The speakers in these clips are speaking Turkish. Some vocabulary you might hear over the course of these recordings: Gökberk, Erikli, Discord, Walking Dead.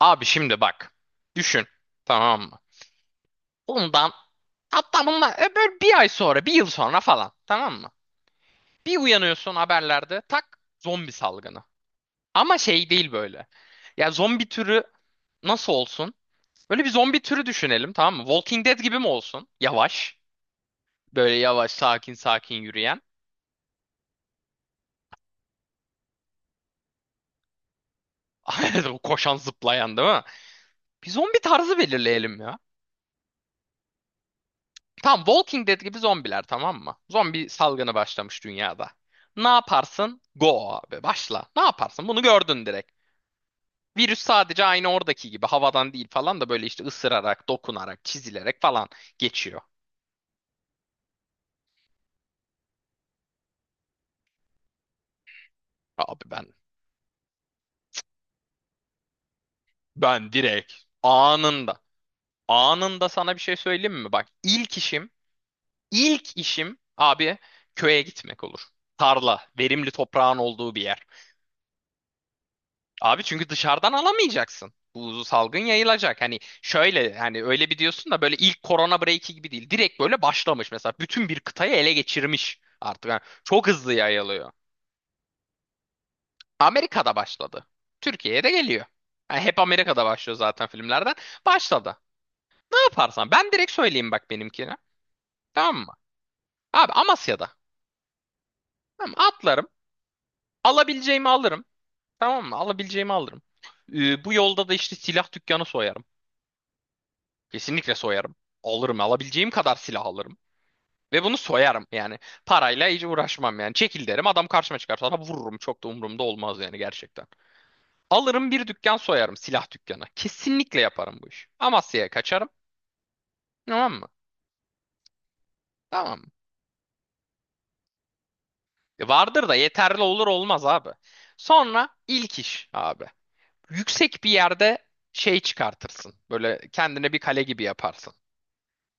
Abi şimdi bak. Düşün. Tamam mı? Bundan, hatta bundan böyle bir ay sonra, bir yıl sonra falan. Tamam mı? Bir uyanıyorsun haberlerde tak zombi salgını. Ama şey değil böyle. Ya zombi türü nasıl olsun? Böyle bir zombi türü düşünelim tamam mı? Walking Dead gibi mi olsun? Yavaş. Böyle yavaş sakin sakin yürüyen. Koşan zıplayan değil mi? Bir zombi tarzı belirleyelim ya. Tam Walking Dead gibi zombiler tamam mı? Zombi salgını başlamış dünyada. Ne yaparsın? Go abi başla. Ne yaparsın? Bunu gördün direkt. Virüs sadece aynı oradaki gibi havadan değil falan da böyle işte ısırarak, dokunarak, çizilerek falan geçiyor. Abi ben direkt anında anında sana bir şey söyleyeyim mi? Bak ilk işim abi köye gitmek olur. Tarla, verimli toprağın olduğu bir yer. Abi çünkü dışarıdan alamayacaksın. Bu salgın yayılacak. Hani şöyle hani öyle bir diyorsun da böyle ilk korona break'i gibi değil. Direkt böyle başlamış mesela. Bütün bir kıtayı ele geçirmiş artık. Yani çok hızlı yayılıyor. Amerika'da başladı. Türkiye'ye de geliyor. Yani hep Amerika'da başlıyor zaten filmlerden. Başladı. Ne yaparsan ben direkt söyleyeyim bak benimkini. Tamam mı? Abi Amasya'da. Tamam mı? Atlarım. Alabileceğimi alırım. Tamam mı? Alabileceğimi alırım. Bu yolda da işte silah dükkanı soyarım. Kesinlikle soyarım. Alırım. Alabileceğim kadar silah alırım. Ve bunu soyarım yani. Parayla hiç uğraşmam yani. Çekil derim, adam karşıma çıkarsa da vururum. Çok da umurumda olmaz yani gerçekten. Alırım, bir dükkan soyarım, silah dükkanı. Kesinlikle yaparım bu işi. Amasya'ya kaçarım. Tamam mı? Tamam mı? E, vardır da yeterli olur olmaz abi. Sonra ilk iş abi. Yüksek bir yerde şey çıkartırsın. Böyle kendine bir kale gibi yaparsın.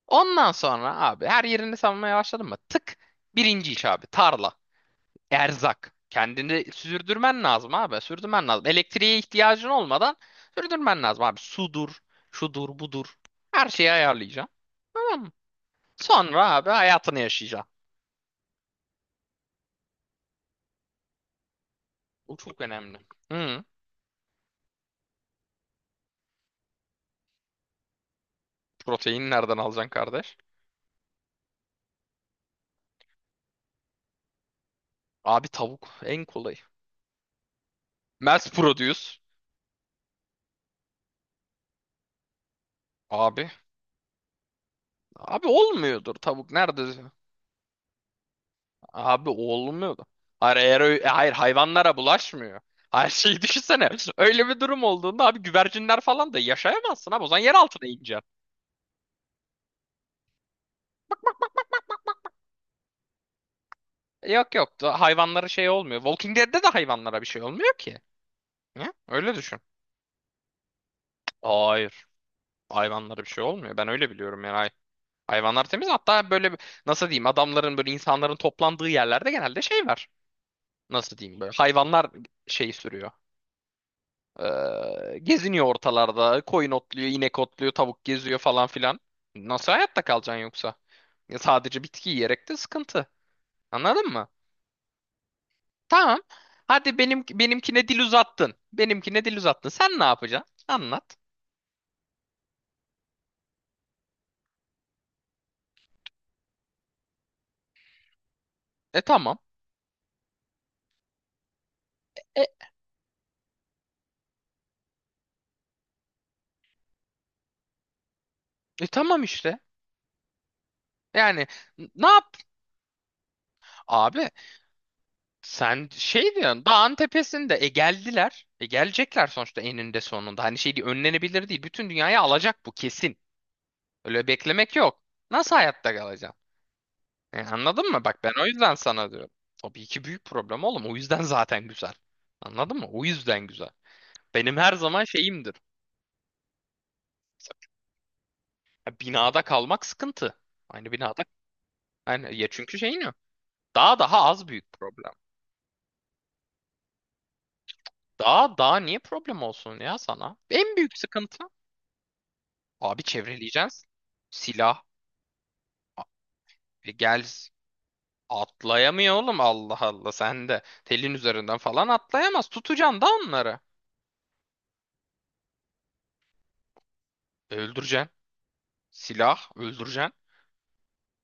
Ondan sonra abi her yerini savunmaya başladın mı? Tık birinci iş abi, tarla. Erzak. Kendini sürdürmen lazım abi. Sürdürmen lazım. Elektriğe ihtiyacın olmadan sürdürmen lazım abi. Sudur, şudur, budur. Her şeyi ayarlayacaksın. Tamam mı? Sonra abi hayatını yaşayacaksın. Bu çok önemli. Hı. Proteini nereden alacaksın kardeş? Abi tavuk en kolayı. Mass produce. Abi. Abi olmuyordur tavuk. Nerede? Abi olmuyordu. Hayır, hayır, hayvanlara bulaşmıyor. Her şeyi düşünsene. Öyle bir durum olduğunda abi güvercinler falan da yaşayamazsın abi. O zaman yer altına ineceksin. Yok yok, da hayvanlara şey olmuyor. Walking Dead'de de hayvanlara bir şey olmuyor ki. Ne? Öyle düşün. Hayır. Hayvanlara bir şey olmuyor. Ben öyle biliyorum yani. Hayvanlar temiz. Nasıl diyeyim, adamların böyle, insanların toplandığı yerlerde genelde şey var. Nasıl diyeyim, böyle hayvanlar şeyi sürüyor. Geziniyor ortalarda. Koyun otluyor, inek otluyor, tavuk geziyor falan filan. Nasıl hayatta kalacaksın yoksa? Ya sadece bitki yiyerek de sıkıntı. Anladın mı? Tamam. Hadi, benimkine dil uzattın. Benimkine dil uzattın. Sen ne yapacaksın? Anlat. E, tamam. E, tamam işte. Yani ne yap? Abi sen şey diyorsun, dağın tepesinde geldiler. E, gelecekler sonuçta eninde sonunda. Hani şey değil, önlenebilir değil. Bütün dünyayı alacak bu, kesin. Öyle beklemek yok. Nasıl hayatta kalacaksın? E, anladın mı? Bak, ben o yüzden sana diyorum. Tabii ki büyük problem oğlum. O yüzden zaten güzel. Anladın mı? O yüzden güzel. Benim her zaman şeyimdir. Ya, binada kalmak sıkıntı. Aynı binada. Yani, ya çünkü şey ne? Daha az büyük problem. Daha niye problem olsun ya sana? En büyük sıkıntı. Abi, çevreleyeceksin. Silah. A- Gel. Atlayamıyor oğlum, Allah Allah. Sen de telin üzerinden falan atlayamaz. Tutacaksın da onları. Öldüreceksin. Silah, öldüreceksin.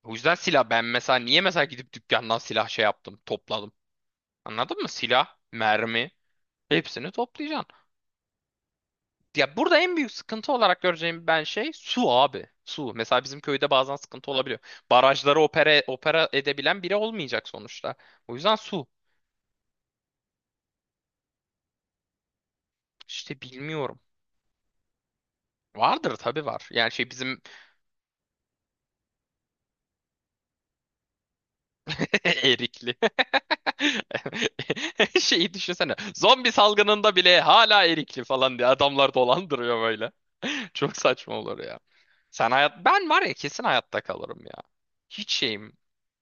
O yüzden silah, ben mesela niye mesela gidip dükkandan silah şey yaptım, topladım. Anladın mı? Silah, mermi, hepsini toplayacaksın. Ya burada en büyük sıkıntı olarak göreceğim ben şey, su abi. Su. Mesela bizim köyde bazen sıkıntı olabiliyor. Barajları opera edebilen biri olmayacak sonuçta. O yüzden su. İşte bilmiyorum. Vardır tabii, var. Yani şey, bizim Erikli. Şeyi düşünsene. Zombi salgınında bile hala erikli falan diye adamlar dolandırıyor böyle. Çok saçma olur ya. Sen hayat, ben var ya, kesin hayatta kalırım ya. Hiç şeyim.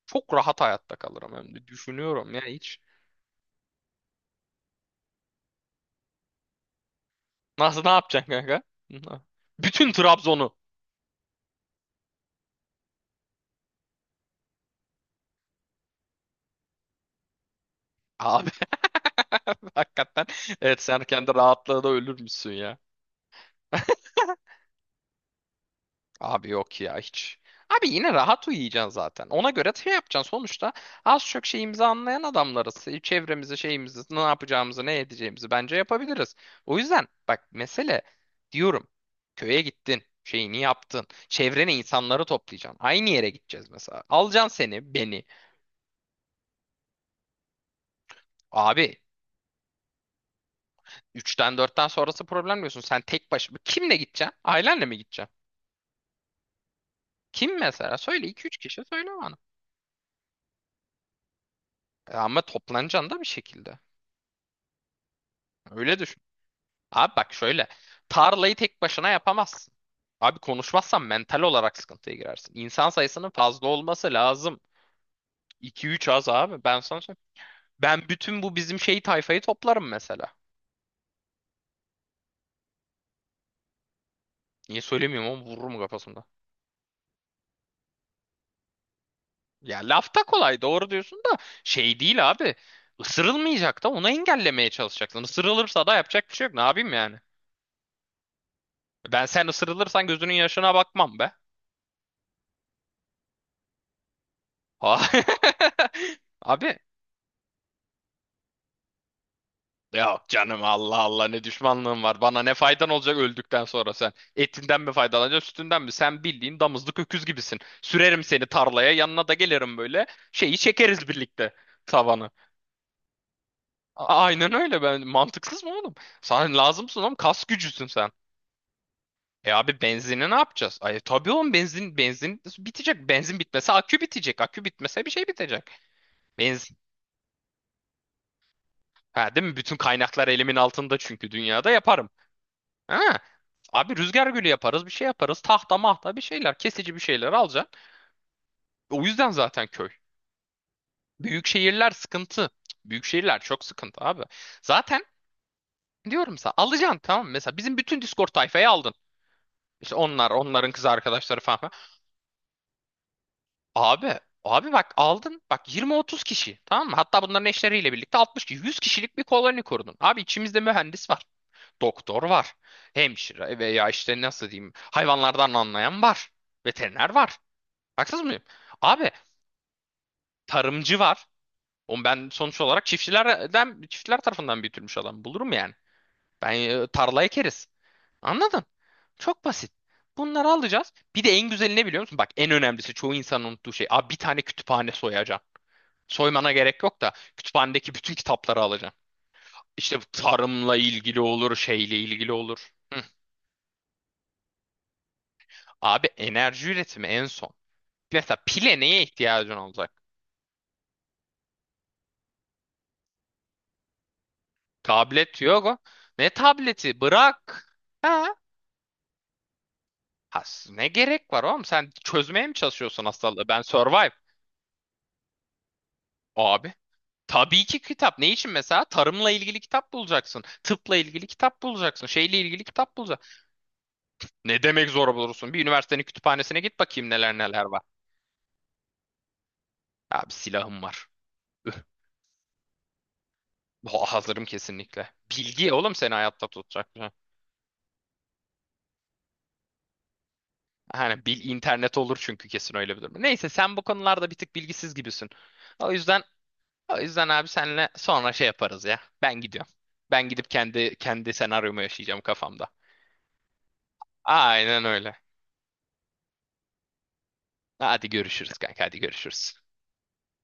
Çok rahat hayatta kalırım, hem de düşünüyorum ya hiç. Nasıl, ne yapacaksın kanka? Bütün Trabzon'u. Abi hakikaten. Evet, sen kendi rahatlığına ölür müsün ya? Abi yok ya hiç. Abi yine rahat uyuyacaksın zaten. Ona göre şey yapacaksın. Sonuçta az çok şeyimizi anlayan adamlarız. Çevremizi, şeyimizi, ne yapacağımızı, ne edeceğimizi bence yapabiliriz. O yüzden bak, mesele diyorum. Köye gittin. Şeyini yaptın. Çevrene insanları toplayacaksın. Aynı yere gideceğiz mesela. Alacaksın seni, beni. Abi üçten dörtten sonrası problem diyorsun. Sen tek başına. Kimle gideceksin? Ailenle mi gideceksin? Kim mesela? Söyle, iki üç kişi söyle bana. E, ama toplanacaksın da bir şekilde. Öyle düşün. Abi bak şöyle. Tarlayı tek başına yapamazsın. Abi konuşmazsan mental olarak sıkıntıya girersin. İnsan sayısının fazla olması lazım. 2 üç az abi. Ben sana söyleyeyim. Ben bütün bu bizim şey tayfayı toplarım mesela. Niye söylemiyorum, ama vururum kafasında. Ya lafta kolay doğru diyorsun da şey değil abi. Isırılmayacak da, onu engellemeye çalışacaksın. Isırılırsa da yapacak bir şey yok. Ne yapayım yani? Ben, sen ısırılırsan gözünün yaşına bakmam be. Abi, yok canım, Allah Allah, ne düşmanlığın var. Bana ne faydan olacak öldükten sonra sen? Etinden mi faydalanacaksın, sütünden mi? Sen bildiğin damızlık öküz gibisin. Sürerim seni tarlaya, yanına da gelirim böyle. Şeyi çekeriz birlikte, tavanı. Aynen öyle, ben mantıksız mı oğlum? Sen lazımsın oğlum, kas gücüsün sen. E, abi benzini ne yapacağız? Ay tabii oğlum, benzin benzin bitecek. Benzin bitmese akü bitecek. Akü bitmese bir şey bitecek. Benzin. Ha, değil mi? Bütün kaynaklar elimin altında çünkü, dünyada yaparım. Ha. Abi rüzgar gülü yaparız, bir şey yaparız. Tahta mahta bir şeyler, kesici bir şeyler alacaksın. O yüzden zaten köy. Büyük şehirler sıkıntı. Büyük şehirler çok sıkıntı abi. Zaten diyorum sana, alacaksın tamam mı? Mesela bizim bütün Discord tayfayı aldın. İşte onlar, onların kız arkadaşları falan filan. Abi, abi bak aldın. Bak 20-30 kişi tamam mı? Hatta bunların eşleriyle birlikte 60 kişi, 100 kişilik bir koloni kurdun. Abi içimizde mühendis var. Doktor var. Hemşire, veya işte nasıl diyeyim, hayvanlardan anlayan var. Veteriner var. Haksız mıyım? Abi tarımcı var. O ben sonuç olarak çiftçilerden, çiftçiler tarafından büyütülmüş adam. Bulurum yani. Ben, tarla ekeriz. Anladın? Çok basit. Bunları alacağız. Bir de en güzeli ne biliyor musun? Bak, en önemlisi çoğu insanın unuttuğu şey. Abi bir tane kütüphane soyacaksın. Soymana gerek yok da, kütüphanedeki bütün kitapları alacaksın. İşte bu, tarımla ilgili olur, şeyle ilgili olur. Hı. Abi enerji üretimi en son. Mesela pile neye ihtiyacın olacak? Tablet yok. Ne tableti? Bırak. Ha? Ha, ne gerek var oğlum? Sen çözmeye mi çalışıyorsun hastalığı? Ben survive. Abi. Tabii ki kitap. Ne için mesela? Tarımla ilgili kitap bulacaksın. Tıpla ilgili kitap bulacaksın. Şeyle ilgili kitap bulacaksın. Ne demek zor bulursun? Bir üniversitenin kütüphanesine git bakayım, neler neler var. Abi silahım var. Üh, hazırım kesinlikle. Bilgi oğlum, seni hayatta tutacak. Hani bil, internet olur çünkü kesin öyle bir durum. Neyse, sen bu konularda bir tık bilgisiz gibisin. O yüzden, o yüzden abi senle sonra şey yaparız ya. Ben gidiyorum. Ben gidip kendi senaryomu yaşayacağım kafamda. Aynen öyle. Hadi görüşürüz kanka, hadi görüşürüz.